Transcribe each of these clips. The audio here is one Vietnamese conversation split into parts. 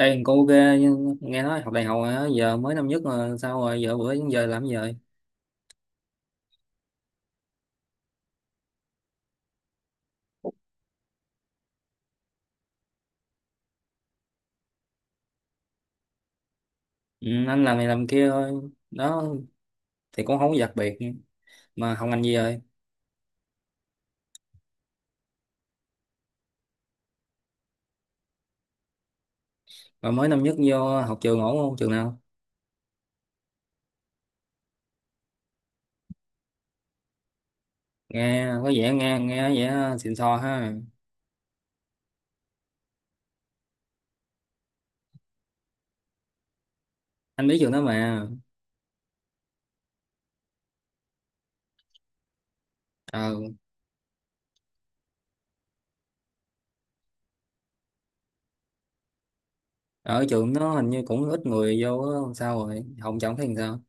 Ê, cô ok nhưng nghe nói học đại học hả? Giờ mới năm nhất mà sao rồi giờ bữa đến giờ làm gì rồi? Ừ, anh làm này làm kia thôi đó, thì cũng không có đặc biệt. Mà học ngành gì rồi? Mà mới năm nhất vô học trường ổn không, trường nào? Nghe có vẻ nghe nghe có vẻ xịn sò ha. Anh biết trường đó mà. ờ, Ở trường nó hình như cũng ít người vô á, sao rồi học chẳng thấy làm sao.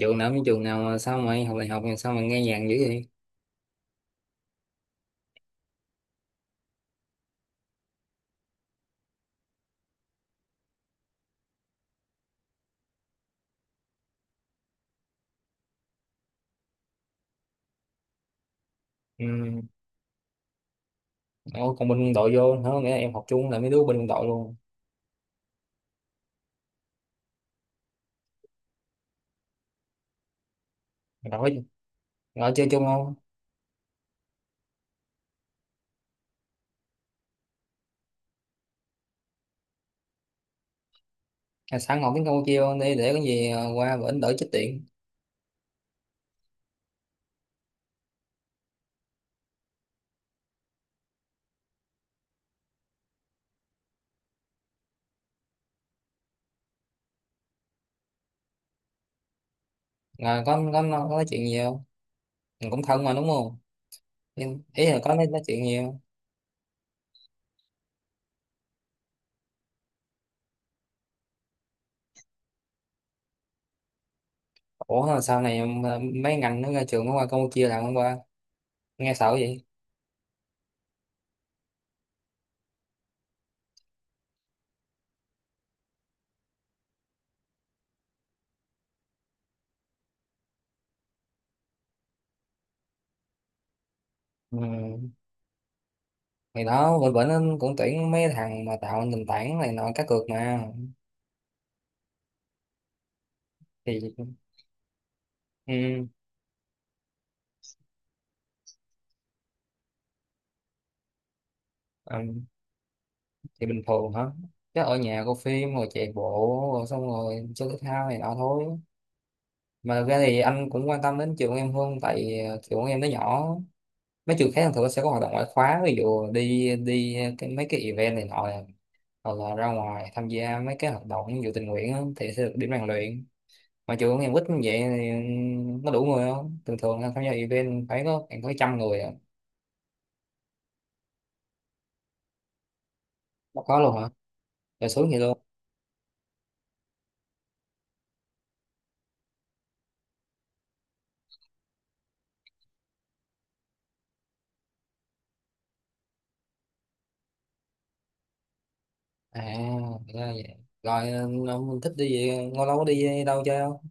Trường nào như trường nào mà sao mày học đại học mà sao mà nghe nhàng dữ vậy? Ừ. Ủa, còn bên quân đội vô nữa, nghĩa là em học chung là mấy đứa bên quân đội luôn? Rồi, chơi chung không? À, sẵn học tiếng Campuchia luôn đi để có gì qua bển đỡ chết tiện. À, có nói chuyện gì không? Mình cũng thân mà đúng không? Ý là có nói chuyện gì không? Ủa mà sau này mà mấy ngành nó ra trường nó qua Campuchia làm không qua, nghe sợ vậy. Ừ. Thì đó, bên bển nó cũng tuyển mấy thằng mà tạo nền tảng này nọ cá cược mà. Thì ừ, ừ, thì bình thường hả? Chứ ở nhà coi phim rồi chạy bộ rồi xong rồi chơi thể thao này nọ thôi. Mà thực ra thì anh cũng quan tâm đến trường của em hơn, tại trường của em nó nhỏ. Mấy trường khác thường nó sẽ có hoạt động ngoại khóa, ví dụ đi đi cái, mấy cái event này nọ, hoặc là ra ngoài tham gia mấy cái hoạt động ví dụ tình nguyện á, thì sẽ được điểm rèn luyện. Mà trường của em ít như vậy thì nó đủ người không? Thường thường tham gia event phải có khoảng 100 người à. Nó có luôn hả? Rồi xuống vậy luôn? À ra vậy. Rồi ông thích đi gì, lâu lâu có đi đâu chơi không?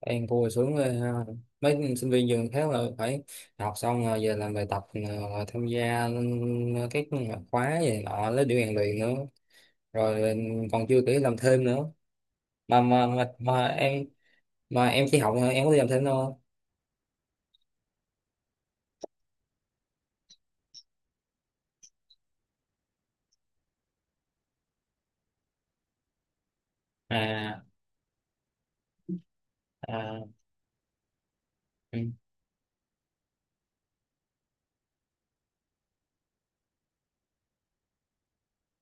Em vui xuống rồi ha. Mấy sinh viên trường khác là phải học xong rồi về làm bài tập, rồi tham gia các khóa gì nọ lấy điểm rèn luyện nữa, rồi còn chưa kể làm thêm nữa. Mà em, mà em chỉ học thôi, em có đi làm thêm đâu không? À. À, ừ.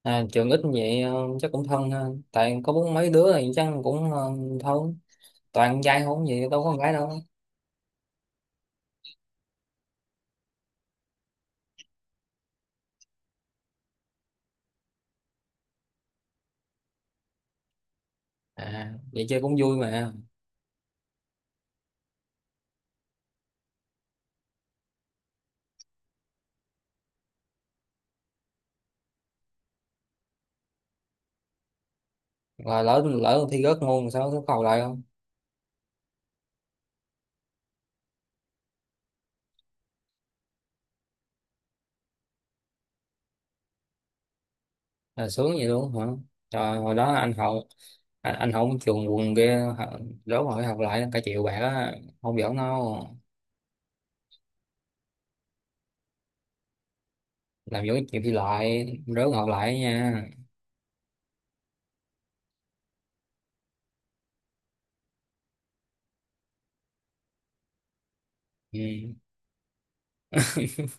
À, trường ít như vậy chắc cũng thân ha, tại có bốn mấy đứa thì chắc cũng thân. Toàn con trai không vậy, đâu có con gái đâu? À vậy chơi cũng vui mà. Rồi lỡ lỡ thi rớt môn sao, có cầu lại không? Là sướng vậy luôn hả? Trời, hồi đó anh học, anh học trường quần kia hả? Rớt mà học lại cả triệu bạc á, không giỡn đâu. Làm giống chịu thi lại, rớt học lại nha. Ừ.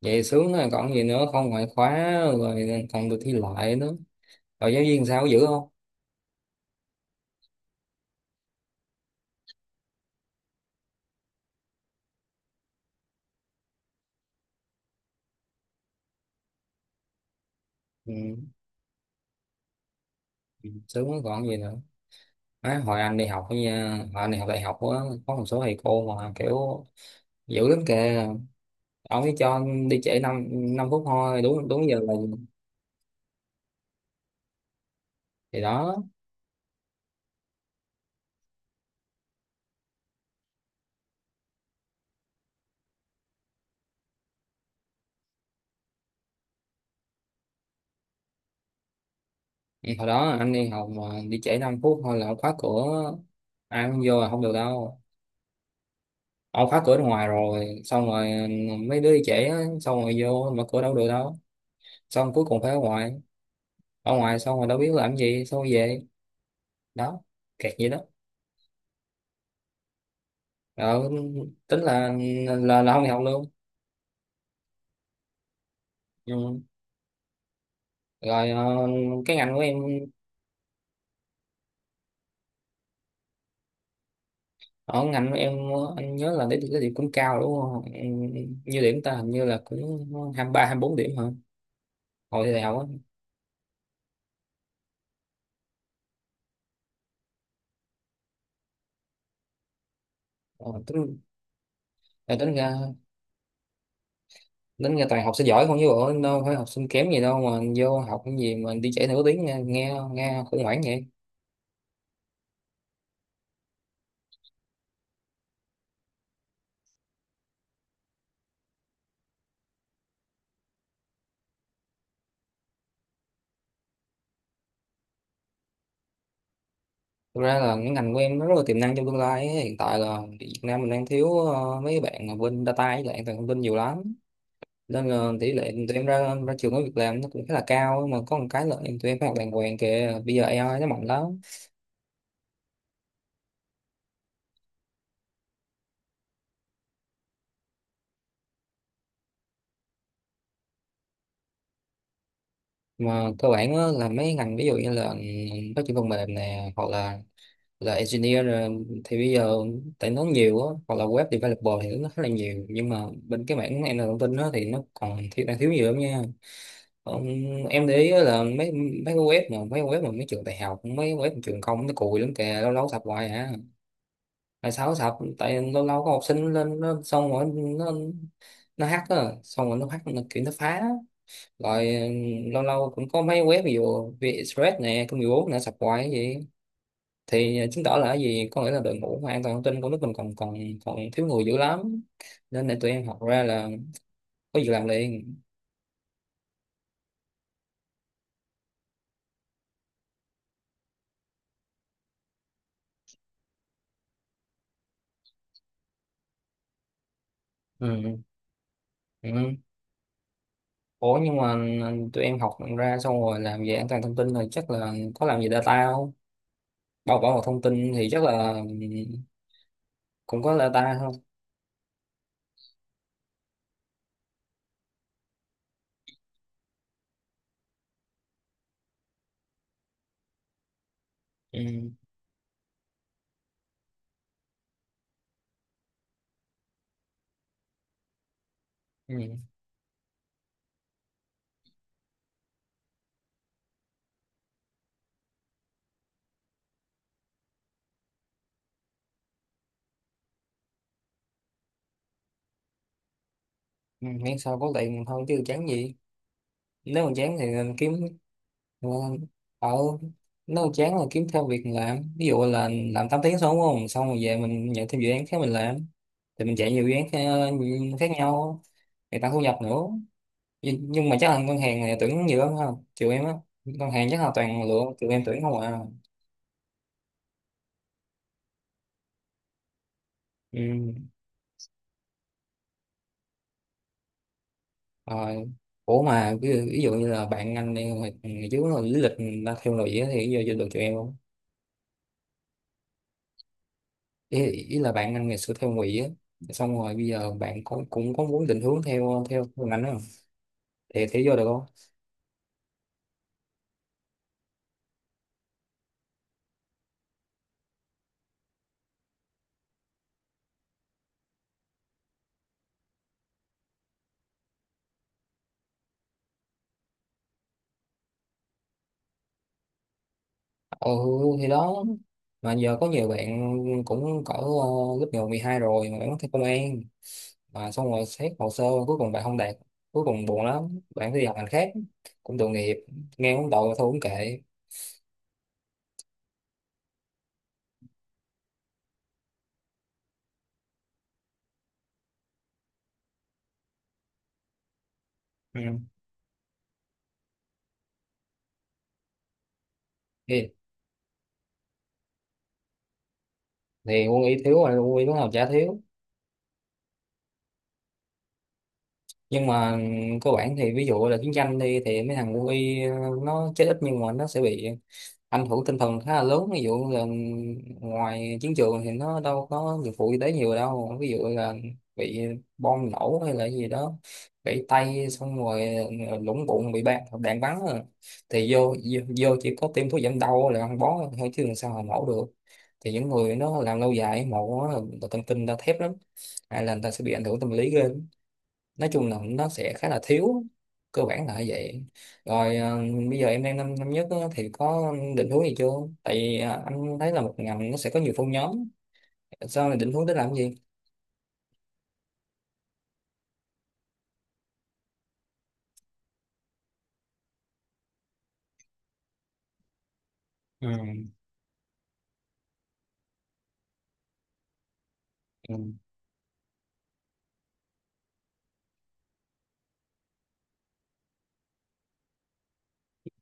Vậy sướng rồi còn gì nữa, không ngoại khóa, rồi còn được thi lại nữa, rồi giáo viên sao có dữ không? Ừ. Ừ, sướng rồi còn gì nữa. Má, hồi anh đi học á nha, hồi anh đi học đại học á, có một số thầy cô mà kiểu dữ lắm kìa. Ông ấy cho đi trễ năm 5 phút thôi, đúng đúng giờ là gì. Thì đó. Thì hồi đó anh đi học mà đi trễ 5 phút thôi là ông khóa cửa, ai cũng vô là không được đâu. Ông khóa cửa ở ngoài rồi xong rồi, mấy đứa đi trễ á, xong rồi vô mở cửa đâu được đâu, xong cuối cùng phải ở ngoài. Ở ngoài xong rồi đâu biết làm gì, xong rồi về đó, kẹt vậy đó. ờ, Tính là, là không đi học luôn. Ừ. Rồi cái ngành của em, ở ngành của em anh nhớ là điểm, cái điểm cũng cao đúng không? Ừ, như điểm ta hình như là cũng 23-24 điểm hả, hồi đại học á. Ờ, tính. Rồi tính ra, tính ra toàn học sinh giỏi không chứ bộ đâu phải học sinh kém gì đâu, mà vô học cái gì mà đi trễ nửa tiếng nghe nghe, nghe khủng hoảng vậy. Thực ra là cái ngành của em nó rất là tiềm năng trong tương lai ấy. Hiện tại là Việt Nam mình đang thiếu mấy bạn mà bên data với lại an toàn thông tin nhiều lắm, nên là tỷ lệ tụi em ra ra trường có việc làm nó cũng khá là cao. Nhưng mà có một cái là tụi em phải học đàng hoàng kìa, bây giờ AI nó mạnh lắm. Mà cơ bản á, là mấy ngành ví dụ như là phát triển phần mềm nè, hoặc là engineer thì bây giờ tại nó nhiều á, hoặc là web developer thì nó khá là nhiều, nhưng mà bên cái mảng an toàn thông tin đó thì nó còn thiếu, đang thiếu nhiều lắm nha. Ông, em để ý á là mấy mấy cái web mà mấy cái web mà mấy trường đại học, mấy cái web mà trường công nó cùi lắm kìa, lâu lâu sập hoài à. Tại sao sập? Tại lâu lâu có học sinh lên nó xong rồi nó hack á, xong rồi nó hack nó kiểu nó phá. Rồi lâu lâu cũng có mấy web ví dụ VietExpress nè, công nghiệp bốn nè, sập hoài vậy. Thì à, chứng tỏ là cái gì, có nghĩa là đội ngũ mà an toàn thông tin của nước mình còn còn còn thiếu người dữ lắm, nên để tụi em học ra là có việc làm liền. Ừ. Ừ. Ủa nhưng mà tụi em học ra xong rồi làm về an toàn thông tin rồi chắc là có làm về data không, bảo bảo mật thông tin thì chắc là, cũng có data không? Ừ. Ừ. Ừ. Miễn sao có tiền thôi chứ chán gì. Nếu mà chán thì kiếm, đúng không? Ở, nếu chán là kiếm thêm việc làm, ví dụ là làm 8 tiếng xong đúng không, xong rồi về mình nhận thêm dự án khác mình làm, thì mình chạy nhiều dự án khác, khác nhau, để tăng thu nhập nữa. Nhưng mà chắc là ngân hàng này tuyển nhiều lắm ha, trừ em á. Ngân hàng chắc là toàn lựa trừ em tuyển không à. Ừ. Rồi, ủa mà ví dụ như là bạn anh đi hồi ngày trước là lý lịch người ta theo lụy á, thì giờ vô được tụi em không? Ý là bạn anh ngày xưa theo ngụy á, xong rồi bây giờ bạn cũng cũng có muốn định hướng theo theo ngành đó, thì vô được không? Ừ thì đó. Mà giờ có nhiều bạn cũng cỡ lớp 10, 12 rồi mà vẫn thi công an, mà xong rồi xét hồ sơ cuối cùng bạn không đạt, cuối cùng buồn lắm bạn phải đi học ngành khác, cũng tội nghiệp, nghe cũng tội mà thôi cũng kệ. Ừ. thì, thì quân y thiếu rồi, quân y lúc nào chả thiếu. Nhưng mà, cơ bản thì ví dụ là chiến tranh đi thì mấy thằng quân y nó chết ít, nhưng mà nó sẽ bị anh hưởng tinh thần khá là lớn, ví dụ là ngoài chiến trường thì nó đâu có dụng cụ y tế nhiều đâu, ví dụ là bị bom nổ hay là gì đó, gãy tay xong rồi lũng bụng bị đạn đạn bắn à. Thì vô vô chỉ có tiêm thuốc giảm đau là ăn bó thôi chứ làm sao mà nổ được. Thì những người nó làm lâu dài mổ á, thần kinh người ta thép lắm, hay là người ta sẽ bị ảnh hưởng tâm lý ghê. Nói chung là nó sẽ khá là thiếu, cơ bản là như vậy. Rồi bây giờ em đang năm năm nhất á, thì có định hướng gì chưa? Tại vì anh thấy là một ngành nó sẽ có nhiều phân nhóm, sao mình định hướng để làm cái gì? Ừ. Ừ.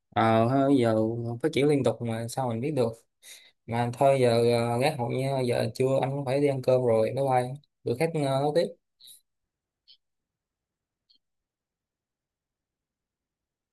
Ờ ha, giờ phát triển liên tục mà sao mình biết được. Mà thôi giờ gác hội nha, giờ trưa anh cũng phải đi ăn cơm rồi, bye bye, bữa khác nói tiếp.